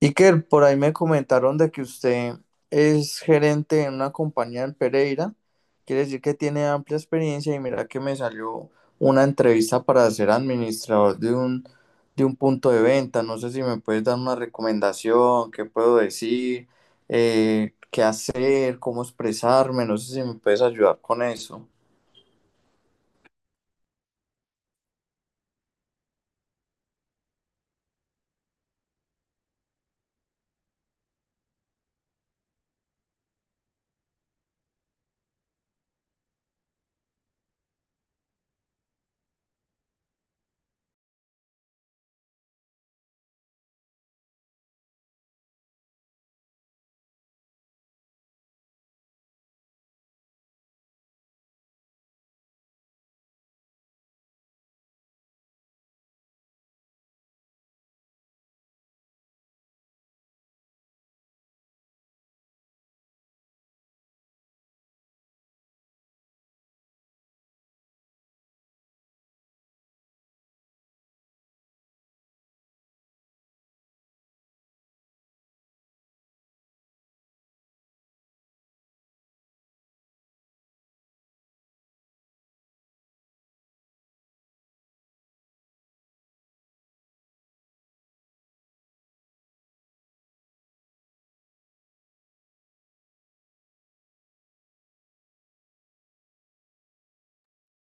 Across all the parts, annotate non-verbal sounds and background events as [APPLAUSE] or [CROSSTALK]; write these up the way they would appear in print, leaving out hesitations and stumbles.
Iker, por ahí me comentaron de que usted es gerente en una compañía en Pereira, quiere decir que tiene amplia experiencia y mira que me salió una entrevista para ser administrador de de un punto de venta. No sé si me puedes dar una recomendación, qué puedo decir, qué hacer, cómo expresarme, no sé si me puedes ayudar con eso.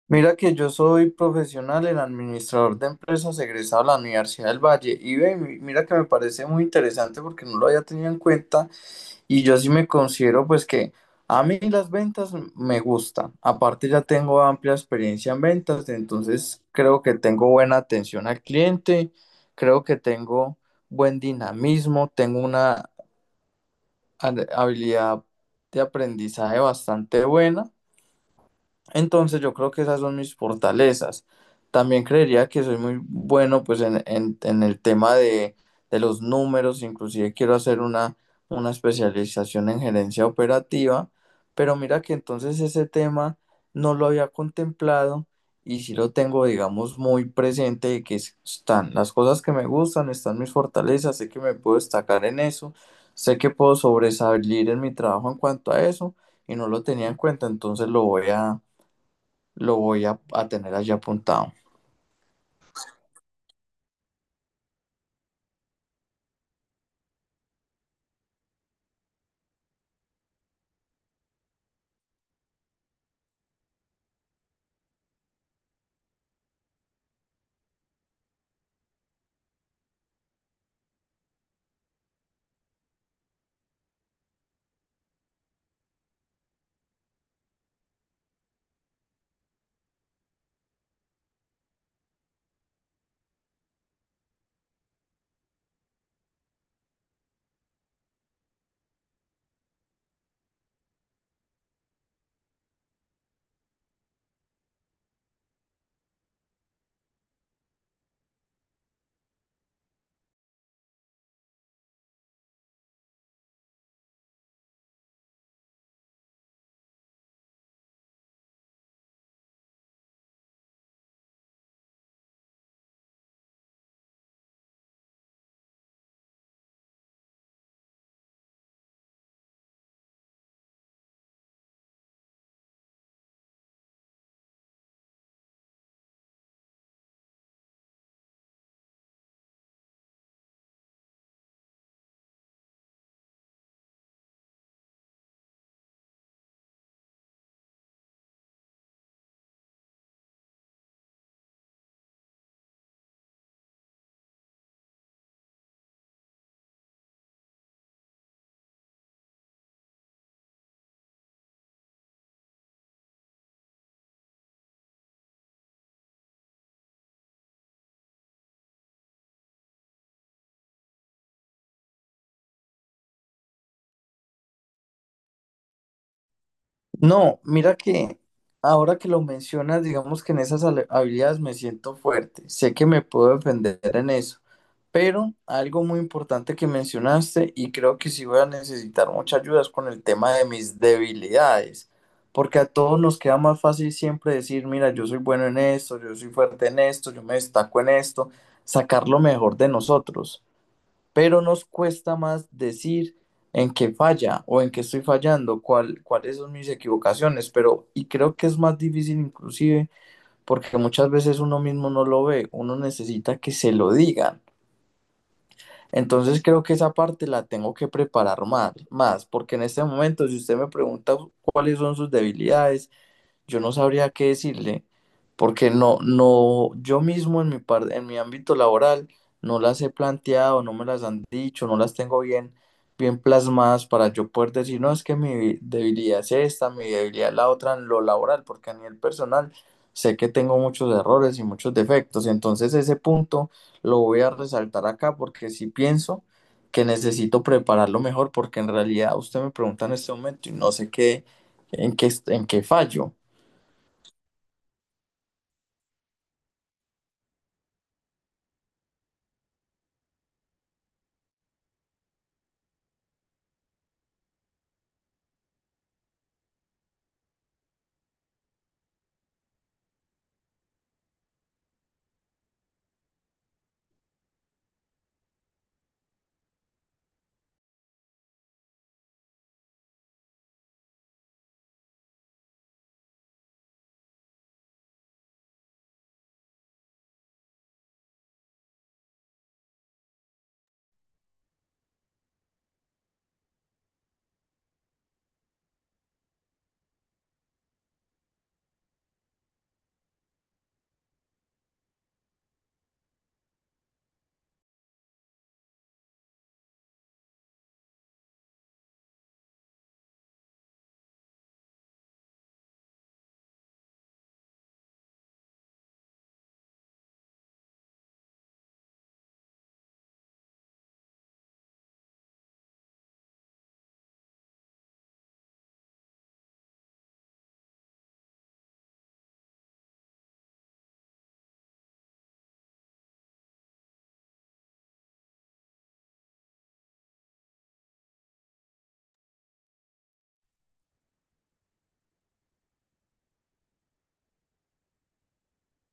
Mira que yo soy profesional en administrador de empresas egresado de la Universidad del Valle y ve, mira que me parece muy interesante porque no lo había tenido en cuenta y yo sí me considero pues que a mí las ventas me gustan. Aparte ya tengo amplia experiencia en ventas, entonces creo que tengo buena atención al cliente, creo que tengo buen dinamismo, tengo una habilidad de aprendizaje bastante buena. Entonces yo creo que esas son mis fortalezas. También creería que soy muy bueno pues en el tema de los números, inclusive quiero hacer una especialización en gerencia operativa, pero mira que entonces ese tema no lo había contemplado y sí lo tengo digamos muy presente de que están las cosas que me gustan, están mis fortalezas, sé que me puedo destacar en eso, sé que puedo sobresalir en mi trabajo en cuanto a eso y no lo tenía en cuenta, entonces lo voy a tener allí apuntado. No, mira que ahora que lo mencionas, digamos que en esas habilidades me siento fuerte. Sé que me puedo defender en eso. Pero algo muy importante que mencionaste y creo que sí voy a necesitar mucha ayuda es con el tema de mis debilidades. Porque a todos nos queda más fácil siempre decir, mira, yo soy bueno en esto, yo soy fuerte en esto, yo me destaco en esto, sacar lo mejor de nosotros, pero nos cuesta más decir en qué falla o en qué estoy fallando, cuál, cuáles son mis equivocaciones, pero y creo que es más difícil inclusive porque muchas veces uno mismo no lo ve, uno necesita que se lo digan. Entonces creo que esa parte la tengo que preparar más, más, porque en este momento si usted me pregunta cuáles son sus debilidades, yo no sabría qué decirle, porque no, no, yo mismo en en mi ámbito laboral no las he planteado, no me las han dicho, no las tengo bien, bien plasmadas para yo poder decir, no, es que mi debilidad es esta, mi debilidad es la otra en lo laboral, porque a nivel personal sé que tengo muchos errores y muchos defectos, entonces ese punto lo voy a resaltar acá porque sí pienso que necesito prepararlo mejor, porque en realidad usted me pregunta en este momento y no sé qué, en qué, en qué fallo.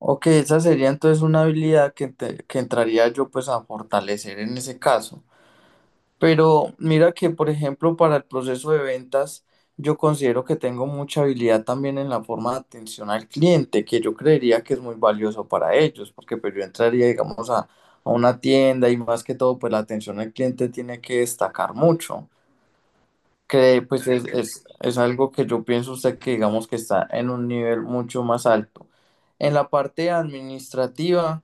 Ok, esa sería entonces una habilidad que entraría yo pues a fortalecer en ese caso. Pero mira que, por ejemplo, para el proceso de ventas, yo considero que tengo mucha habilidad también en la forma de atención al cliente, que yo creería que es muy valioso para ellos, porque pues yo entraría, digamos, a una tienda y más que todo, pues la atención al cliente tiene que destacar mucho que pues es algo que yo pienso usted que digamos que está en un nivel mucho más alto. En la parte administrativa,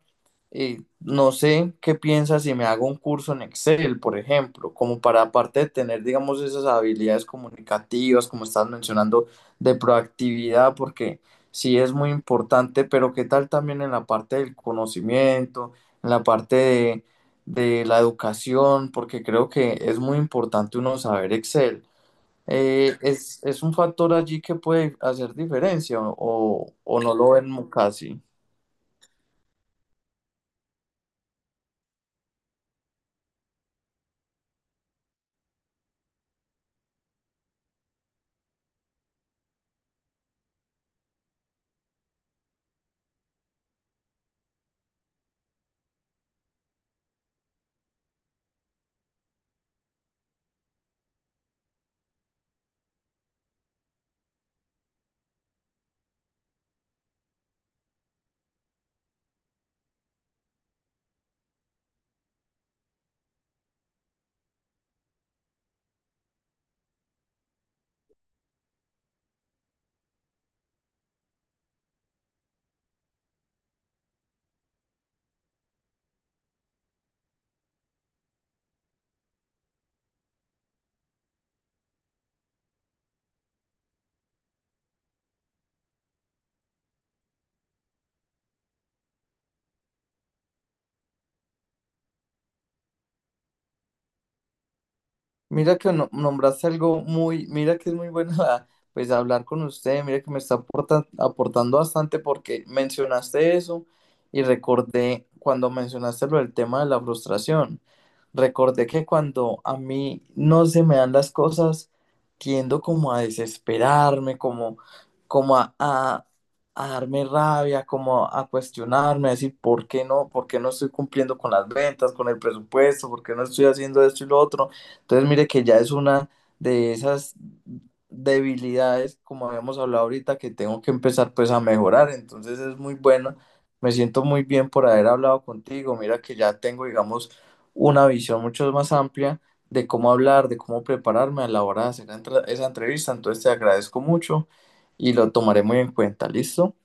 no sé qué piensa si me hago un curso en Excel, por ejemplo, como para aparte de tener, digamos, esas habilidades comunicativas, como estás mencionando, de proactividad, porque sí es muy importante, pero qué tal también en la parte del conocimiento, en la parte de la educación, porque creo que es muy importante uno saber Excel. Es un factor allí que puede hacer diferencia o no lo ven casi. Mira que nombraste algo muy, mira que es muy bueno [LAUGHS] pues hablar con usted, mira que me está aportando bastante porque mencionaste eso y recordé cuando mencionaste lo del tema de la frustración, recordé que cuando a mí no se me dan las cosas, tiendo como a desesperarme, como, como a darme rabia, como a cuestionarme, a decir, ¿por qué no? ¿Por qué no estoy cumpliendo con las ventas, con el presupuesto? ¿Por qué no estoy haciendo esto y lo otro? Entonces, mire que ya es una de esas debilidades, como habíamos hablado ahorita, que tengo que empezar pues a mejorar. Entonces es muy bueno. Me siento muy bien por haber hablado contigo. Mira que ya tengo, digamos, una visión mucho más amplia de cómo hablar, de cómo prepararme a la hora de hacer esa entrevista. Entonces te agradezco mucho y lo tomaré muy en cuenta. ¿Listo?